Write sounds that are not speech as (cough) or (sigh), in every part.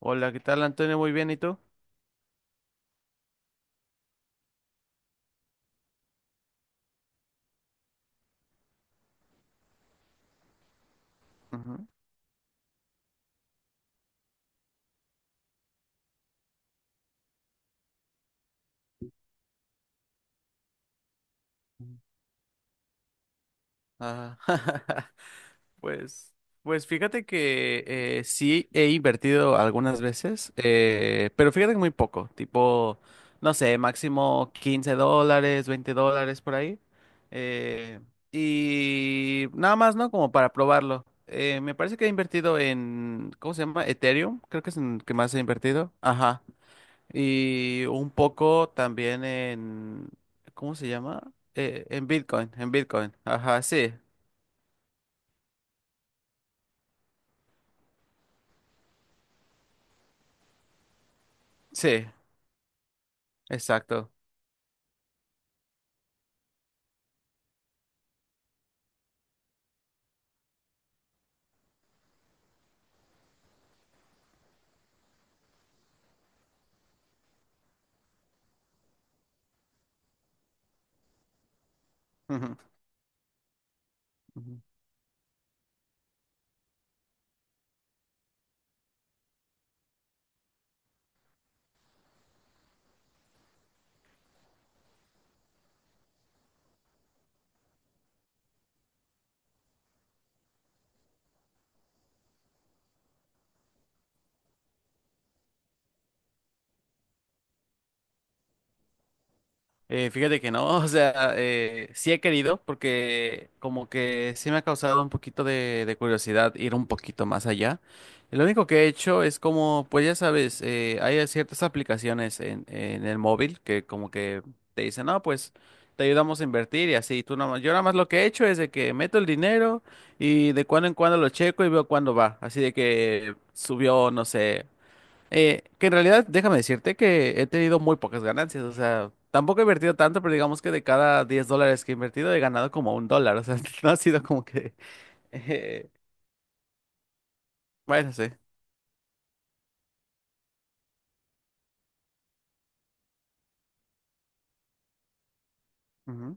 Hola, ¿qué tal, Antonio? Muy bien, ¿y tú? Ujú. Ah, (laughs) pues, pues fíjate que sí he invertido algunas veces, pero fíjate que muy poco, tipo, no sé, máximo $15, $20 por ahí. eh, y nada más, ¿no? Como para probarlo. Me parece que he invertido en, ¿cómo se llama? Ethereum, creo que es en el que más he invertido. Ajá. Y un poco también en, ¿cómo se llama? En Bitcoin, en Bitcoin. Ajá, sí, sí, exacto. (laughs) Fíjate que no, (laughs) o sea, sí he querido porque como que sí me ha causado un poquito de curiosidad ir un poquito más allá. Lo único que he hecho es como, pues ya sabes, hay ciertas aplicaciones en el móvil que como que te dicen, no, pues te ayudamos a invertir y así. Tú nada más- yo nada más lo que he hecho es de que meto el dinero y de cuando en cuando lo checo y veo cuándo va. Así de que subió, no sé. Que en realidad, déjame decirte que he tenido muy pocas ganancias, o sea, tampoco he invertido tanto, pero digamos que de cada $10 que he invertido he ganado como un dólar, o sea, (laughs) no ha sido como que... eh, bueno, sí. Ujú,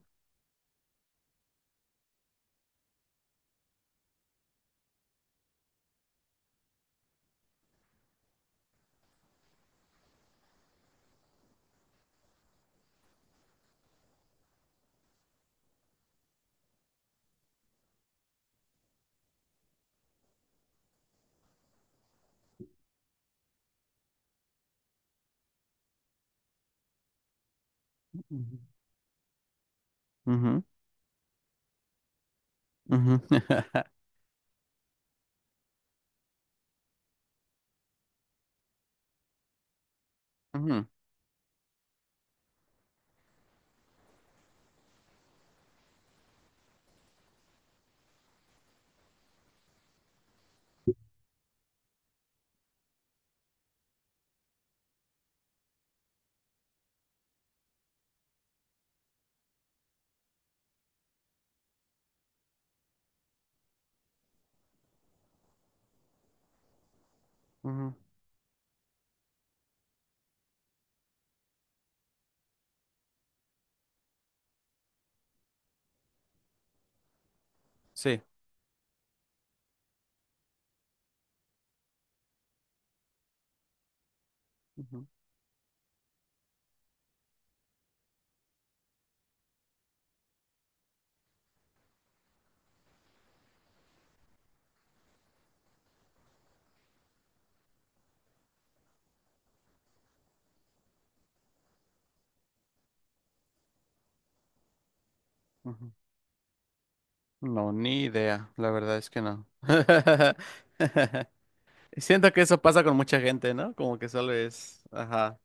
ujú, ujú, (laughs) ujú, ujú, sí. Ujú, ujú. No, ni idea, la verdad es que no. (laughs) Siento que eso pasa con mucha gente, ¿no? Como que solo es... Ajá,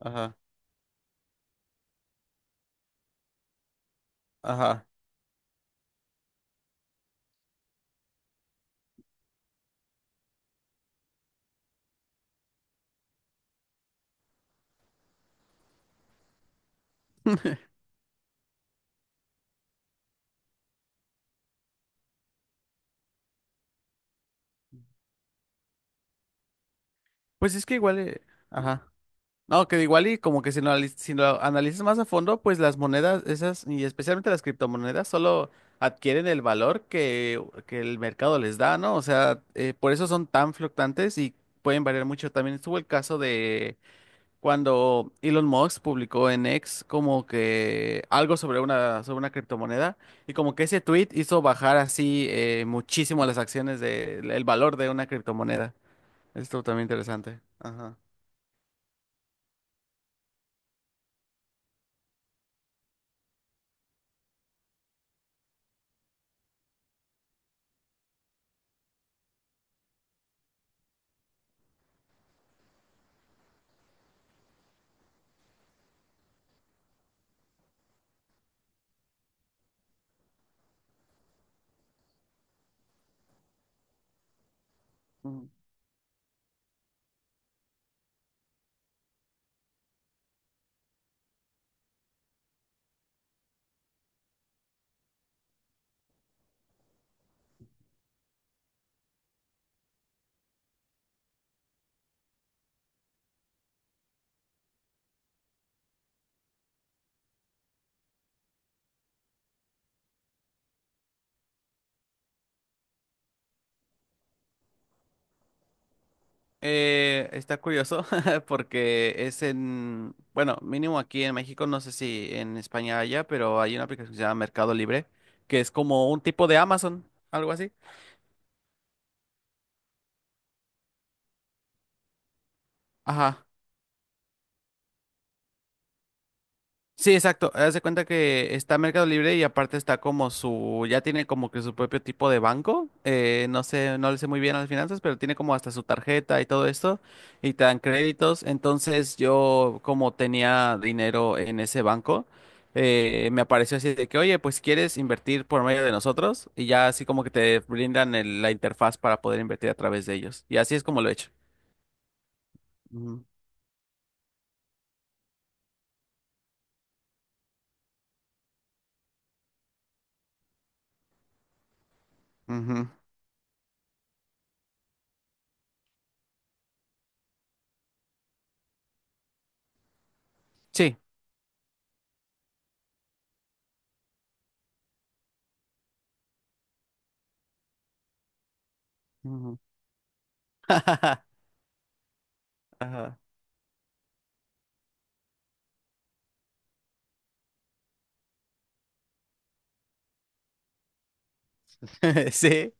ajá, ajá. Pues es que igual... eh, no, que igual y como que si lo, anali- si lo analizas más a fondo, pues las monedas esas, y especialmente las criptomonedas, solo adquieren el valor que el mercado les da, ¿no? O sea, por eso son tan fluctuantes y pueden variar mucho. También estuvo el caso de cuando Elon Musk publicó en X como que algo sobre una criptomoneda y como que ese tweet hizo bajar así muchísimo las acciones del el valor de una criptomoneda. Esto también interesante. Ajá. Está curioso (laughs) porque es en, bueno, mínimo aquí en México, no sé si en España haya, pero hay una aplicación que se llama Mercado Libre, que es como un tipo de Amazon, algo así. Ajá. Sí, exacto. Haz de cuenta que está Mercado Libre y aparte está como su, ya tiene como que su propio tipo de banco. No sé, no le sé muy bien a las finanzas, pero tiene como hasta su tarjeta y todo esto y te dan créditos. Entonces yo como tenía dinero en ese banco, me apareció así de que, oye, pues quieres invertir por medio de nosotros y ya así como que te brindan el- la interfaz para poder invertir a través de ellos. Y así es como lo he hecho. Ujú. Ujú. Sí. Ujú. (laughs) Ajá. (laughs) Sí.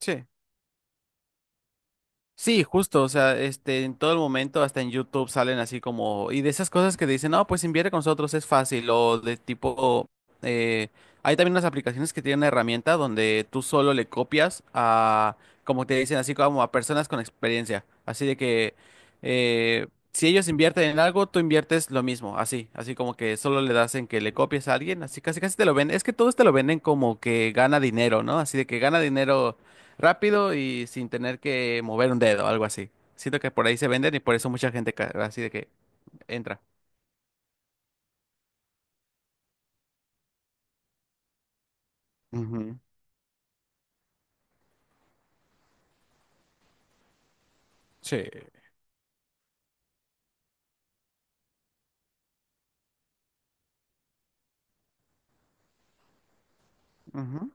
Sí. Sí, justo, o sea, este, en todo el momento, hasta en YouTube salen así como, y de esas cosas que dicen, no, pues invierte con nosotros, es fácil, o de tipo, eh, hay también unas aplicaciones que tienen una herramienta donde tú solo le copias a, como te dicen, así como a personas con experiencia, así de que, eh, si ellos invierten en algo, tú inviertes lo mismo, así, así como que solo le das en que le copies a alguien, así casi casi te lo venden, es que todos te lo venden como que gana dinero, ¿no? Así de que gana dinero rápido y sin tener que mover un dedo, algo así. Siento que por ahí se venden y por eso mucha gente ca- así de que entra. Ujú. Sí. Ujú,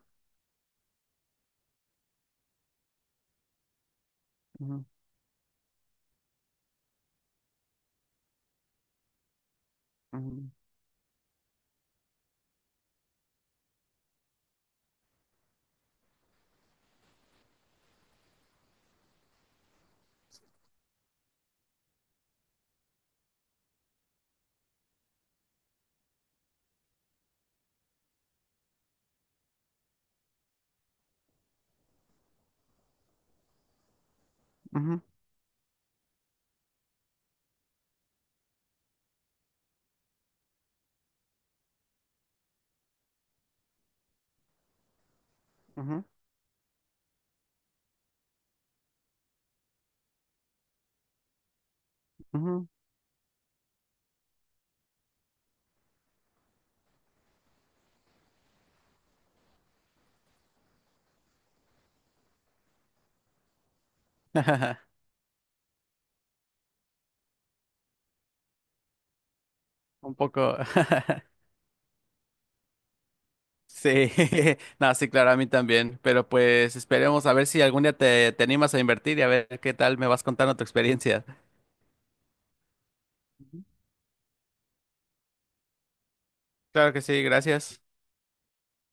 ujú, ujú, ujú, ujú, ujú. (laughs) Un poco. (laughs) Sí, (laughs) no, sí, claro, a mí también. Pero pues esperemos a ver si algún día te, te animas a invertir y a ver qué tal me vas contando tu experiencia. Ujú. Claro que sí, gracias.